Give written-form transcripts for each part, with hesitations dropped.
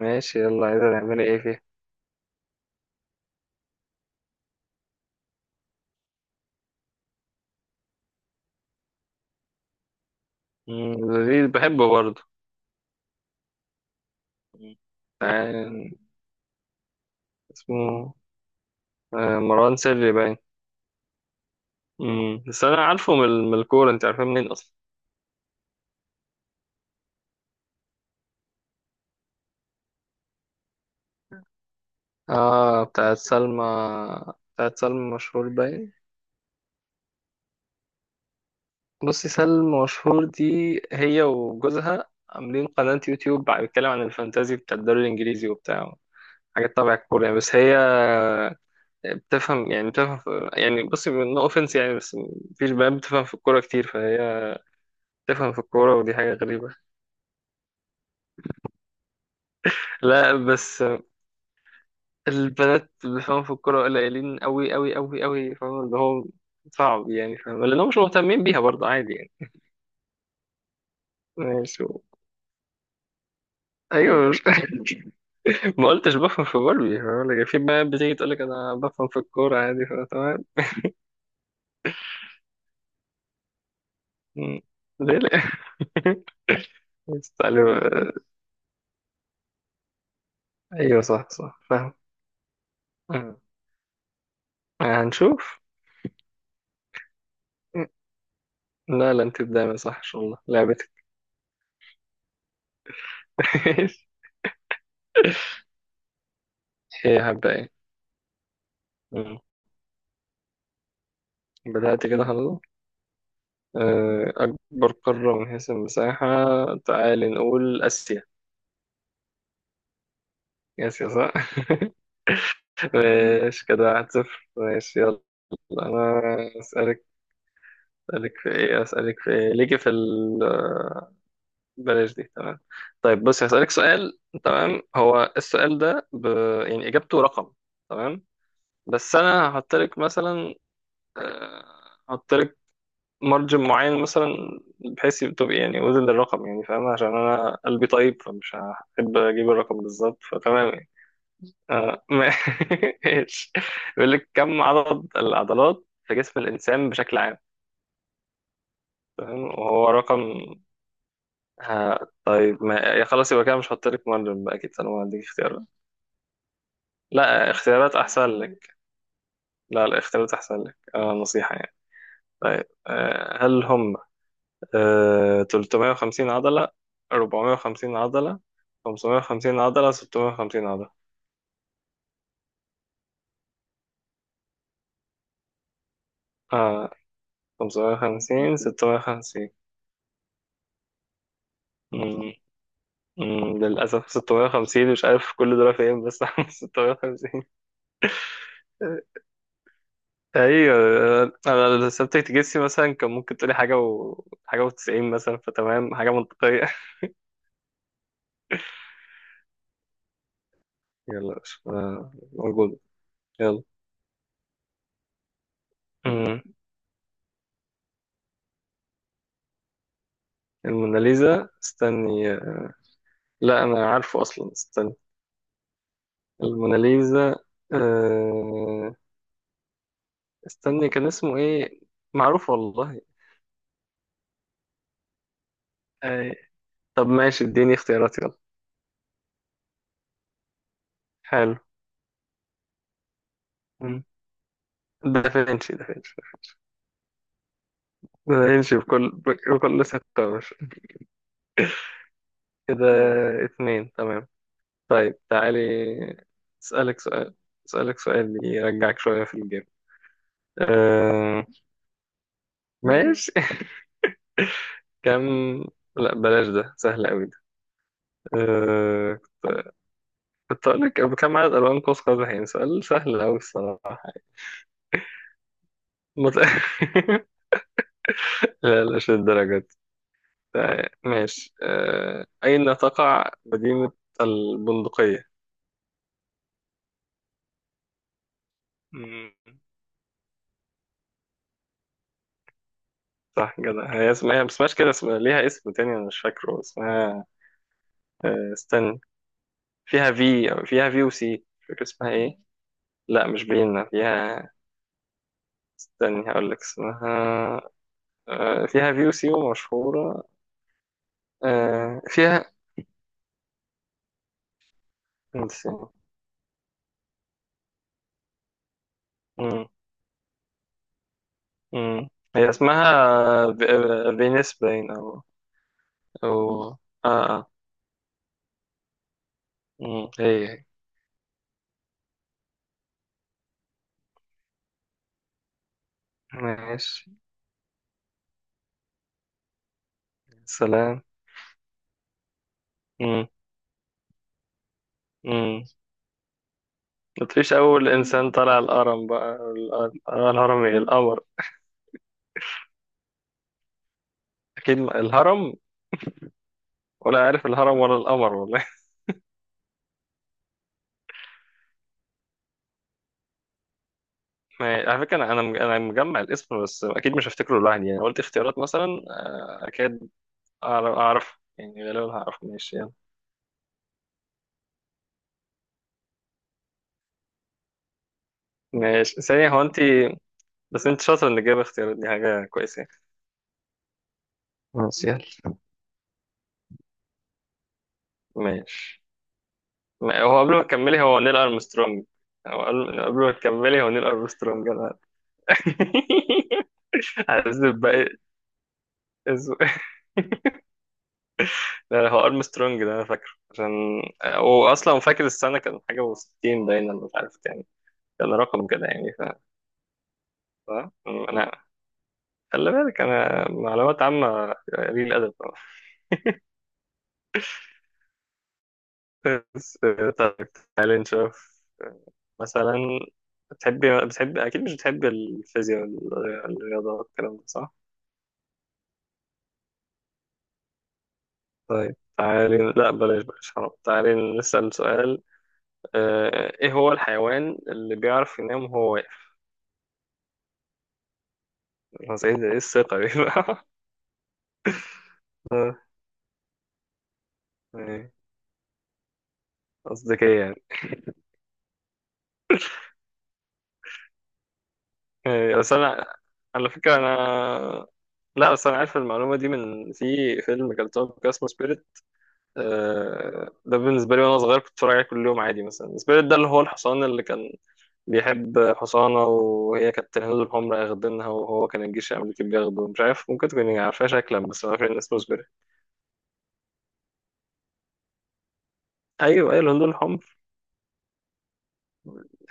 ماشي، يلا، عايزة تعملي ايه فيها؟ مم، لذيذ، بحبه برضه. مم. آه، اسمه مروان سري باين. مم، بس انا عارفه من الكورة، انت عارفاه منين اصلا؟ اه، بتاعت سلمى. بتاعت سلمى مشهور باين. بصي، سلمى مشهور دي هي وجوزها عاملين قناة يوتيوب بيتكلم عن الفانتازي بتاع الدوري الانجليزي وبتاع حاجات تبع الكورة يعني. بس هي بتفهم في، بصي، نو اوفنس يعني، بس مفيش بنات بتفهم في الكورة كتير، فهي تفهم في الكورة، ودي حاجة غريبة. لا بس البنات اللي فاهم في الكورة قليلين أوي أوي أوي أوي. فاهم؟ اللي هو صعب يعني. فاهم؟ لأنهم مش مهتمين بيها برضه، عادي يعني. ماشي. أيوة، مش ما قلتش بفهم في باربي. فاهم؟ لكن في بنات بتيجي تقول لك أنا بفهم في الكورة عادي. فاهم؟ تمام. مم. ليه لأ؟ استعلم. أيوة، صح صح. فاهم. مم. هنشوف. مم. لا لا، أنت دايما صح إن شاء الله، لعبتك. إيه هبدأ إيه؟ مم. بدأت كده خلاص. أكبر قارة من حيث المساحة. تعالي نقول آسيا. آسيا صح؟ ماشي كده، واحد صفر، ماشي يلا. أنا أسألك، أسألك في إيه ليكي في ال بلاش دي، تمام. طيب بص، هسألك سؤال، تمام؟ هو السؤال ده يعني إجابته رقم، تمام؟ بس أنا هحط لك مثلا آه، هحط مارجن معين، مثلا، بحيث تبقى يعني وزن الرقم. يعني فاهم؟ عشان انا قلبي طيب فمش هحب اجيب الرقم بالظبط، فتمام يعني. ماشي. بيقول لك، كم عدد العضلات في جسم الانسان بشكل عام؟ تمام، وهو رقم. ها؟ طيب ما يا خلاص، يبقى كده مش هحط لك مارجن بقى، اكيد انا ما هديك اختيارات. لا، اختيارات احسن لك. لا، الاختيارات احسن لك، نصيحة يعني. طيب، هل هم 350 عضلة، 450 عضلة، 550 عضلة، 650 عضلة؟ آه. 550، 650. مم. مم. للأسف 650. مش عارف كل دول فين، بس 650. أيوة. أنا لو سبتك تجسي مثلا كان ممكن تقولي حاجة و حاجة وتسعين مثلا، فتمام، حاجة منطقية. يلا، مش موجود. يلا. مم. الموناليزا، استني. لا أنا عارفه أصلا، استني. الموناليزا آه... استني، كان اسمه ايه؟ معروف والله. آه... طب ماشي، اديني اختيارات يلا. حلو. مم. دافنشي، دافنشي. دافنشي بكل ثقة، مش كده؟ اتنين، تمام. طيب تعالي، اسألك سؤال اسألك سؤال يرجعك شوية في الجيم. آه... ماشي. كم، لا بلاش، ده سهل قوي ده. آه... كنت أقول لك كم عدد ألوان قوس قزح. يعني سؤال سهل أوي الصراحة. مت... لا لا، مش للدرجة. ماشي. أين تقع مدينة البندقية؟ مم، صح كده، هي اسمها بس مش كده اسمها، ليها اسم تاني أنا مش فاكره اسمها. استنى، فيها في، أو فيها في وسي، مش فاكر اسمها إيه. لا مش بينا فيها. استني هقول لك اسمها. فيها في وسي ومشهورة. آه، فيها استنى. مم. مم. هي اسمها فينيس باين، أو أو آه مم. هي هي. ماشي، سلام. مم. مم. ما تفيش، أول إنسان طلع الهرم بقى، الهرم، إيه القمر؟ أكيد، الهرم. ولا عارف الهرم ولا القمر، والله. على فكرة أنا، أنا مجمع الاسم بس أكيد مش هفتكره لوحدي يعني، قلت اختيارات مثلا. أكيد أعرف، أعرف يعني غالبا هعرف. ماشي يلا. ماشي ثانية، هو أنت، بس أنت شاطر إنك جايبة اختيارات، دي حاجة كويسة. ماشي يلا. ماشي. هو قبل ما تكملي، هو نيل ارمسترونج. هو قبل ما تكملي، هو نيل ارمسترونج، انا. هكذب باقي اسمه. لا لا، هو ارمسترونج ده، انا فاكره عشان هو اصلا، فاكر السنه كان حاجه و60 باينه، أنا مش عارف يعني، كان رقم كده يعني. ف... انا خلي بالك، انا معلومات عامه قليل ادب. بس طيب، تعالي نشوف مثلا. بتحبي اكيد مش بتحبي الفيزياء والرياضه والكلام ده، صح؟ طيب تعالي، لا بلاش بقى شراب، تعالي نسأل سؤال. ايه هو الحيوان اللي بيعرف ينام وهو واقف؟ أنا سعيد، ايه الثقة دي بقى؟ آه، إيه، قصدك ايه يعني؟ إيه، بس انا، على فكرة انا، لا بس انا عارف المعلومة دي من في فيلم كان طالع كده اسمه سبيريت. ده بالنسبة لي وانا صغير كنت بتفرج عليه كل يوم، عادي، مثلا. سبيريت ده اللي هو الحصان اللي كان بيحب حصانة، وهي كانت الهنود الحمر أخدينها، وهو كان الجيش الأمريكي بياخده، مش عارف، ممكن تكون عارفها شكلا، بس ما أعرفش الناس مسبرة. أيوه أيوه، الهنود الحمر.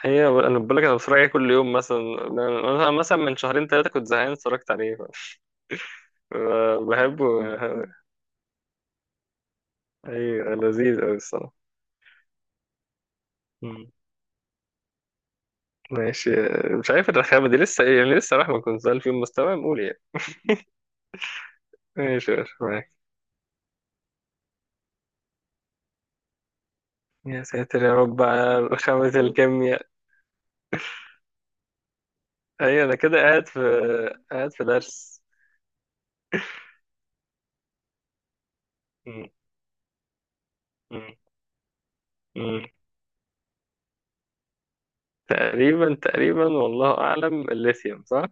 هي أنا بقول لك أنا بتفرج عليه كل يوم مثلا، أنا مثلا من شهرين ثلاثة كنت زهقان اتفرجت عليه بحبه. أيوه، لذيذ أوي الصراحة. مم. ماشي. مش عارف الرخامة دي لسه إيه يعني، لسه رحمة كنت سؤال في يوم مستوى نقول يعني، ماشي ماشي معاك. يا ساتر يا رب على رخامة الكيمياء. أيوه، أنا كده قاعد في درس. مم. مم. تقريبا تقريبا والله أعلم، الليثيوم صح؟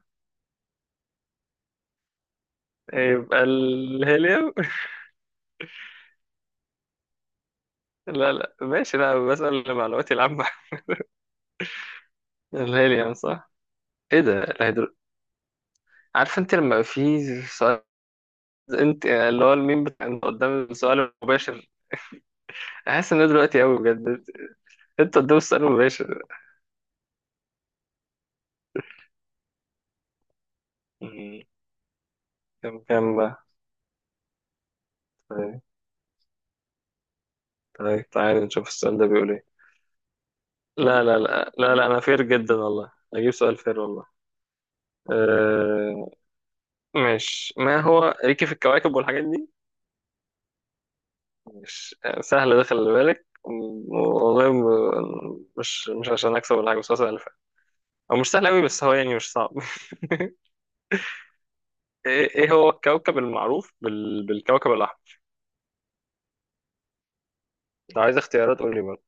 يبقى الهيليوم. لا لا، ماشي، لا بسأل لمعلوماتي العامة. الهيليوم صح؟ ايه ده، الهيدرو. عارف انت لما يبقى في سؤال، انت اللي هو الميم بتاع انت قدام السؤال المباشر؟ حاسس ان ده دلوقتي قوي بجد، انت قدام السؤال المباشر. مم. كم بقى؟ طيب. طيب تعالى نشوف السؤال ده بيقول ايه. لا لا لا لا لا، انا فير جدا والله، اجيب سؤال فير والله. آه، مش ما هو، ليكي في الكواكب والحاجات دي، مش سهل ده، خلي بالك والله، مش مش عشان اكسب ولا حاجه، بس هو سهل فعلا. هو مش سهل قوي، بس هو يعني مش صعب. ايه، إيه هو الكوكب المعروف بالكوكب الاحمر؟ لو عايز اختيارات قول لي برضه.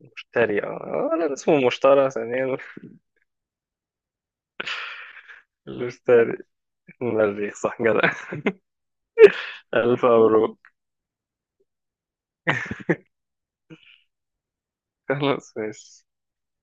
مشتري، اه، انا اسمه مشتري ثانيا. مشتري. المريخ. صح، جدع. الف مبروك. خلاص، ماشي.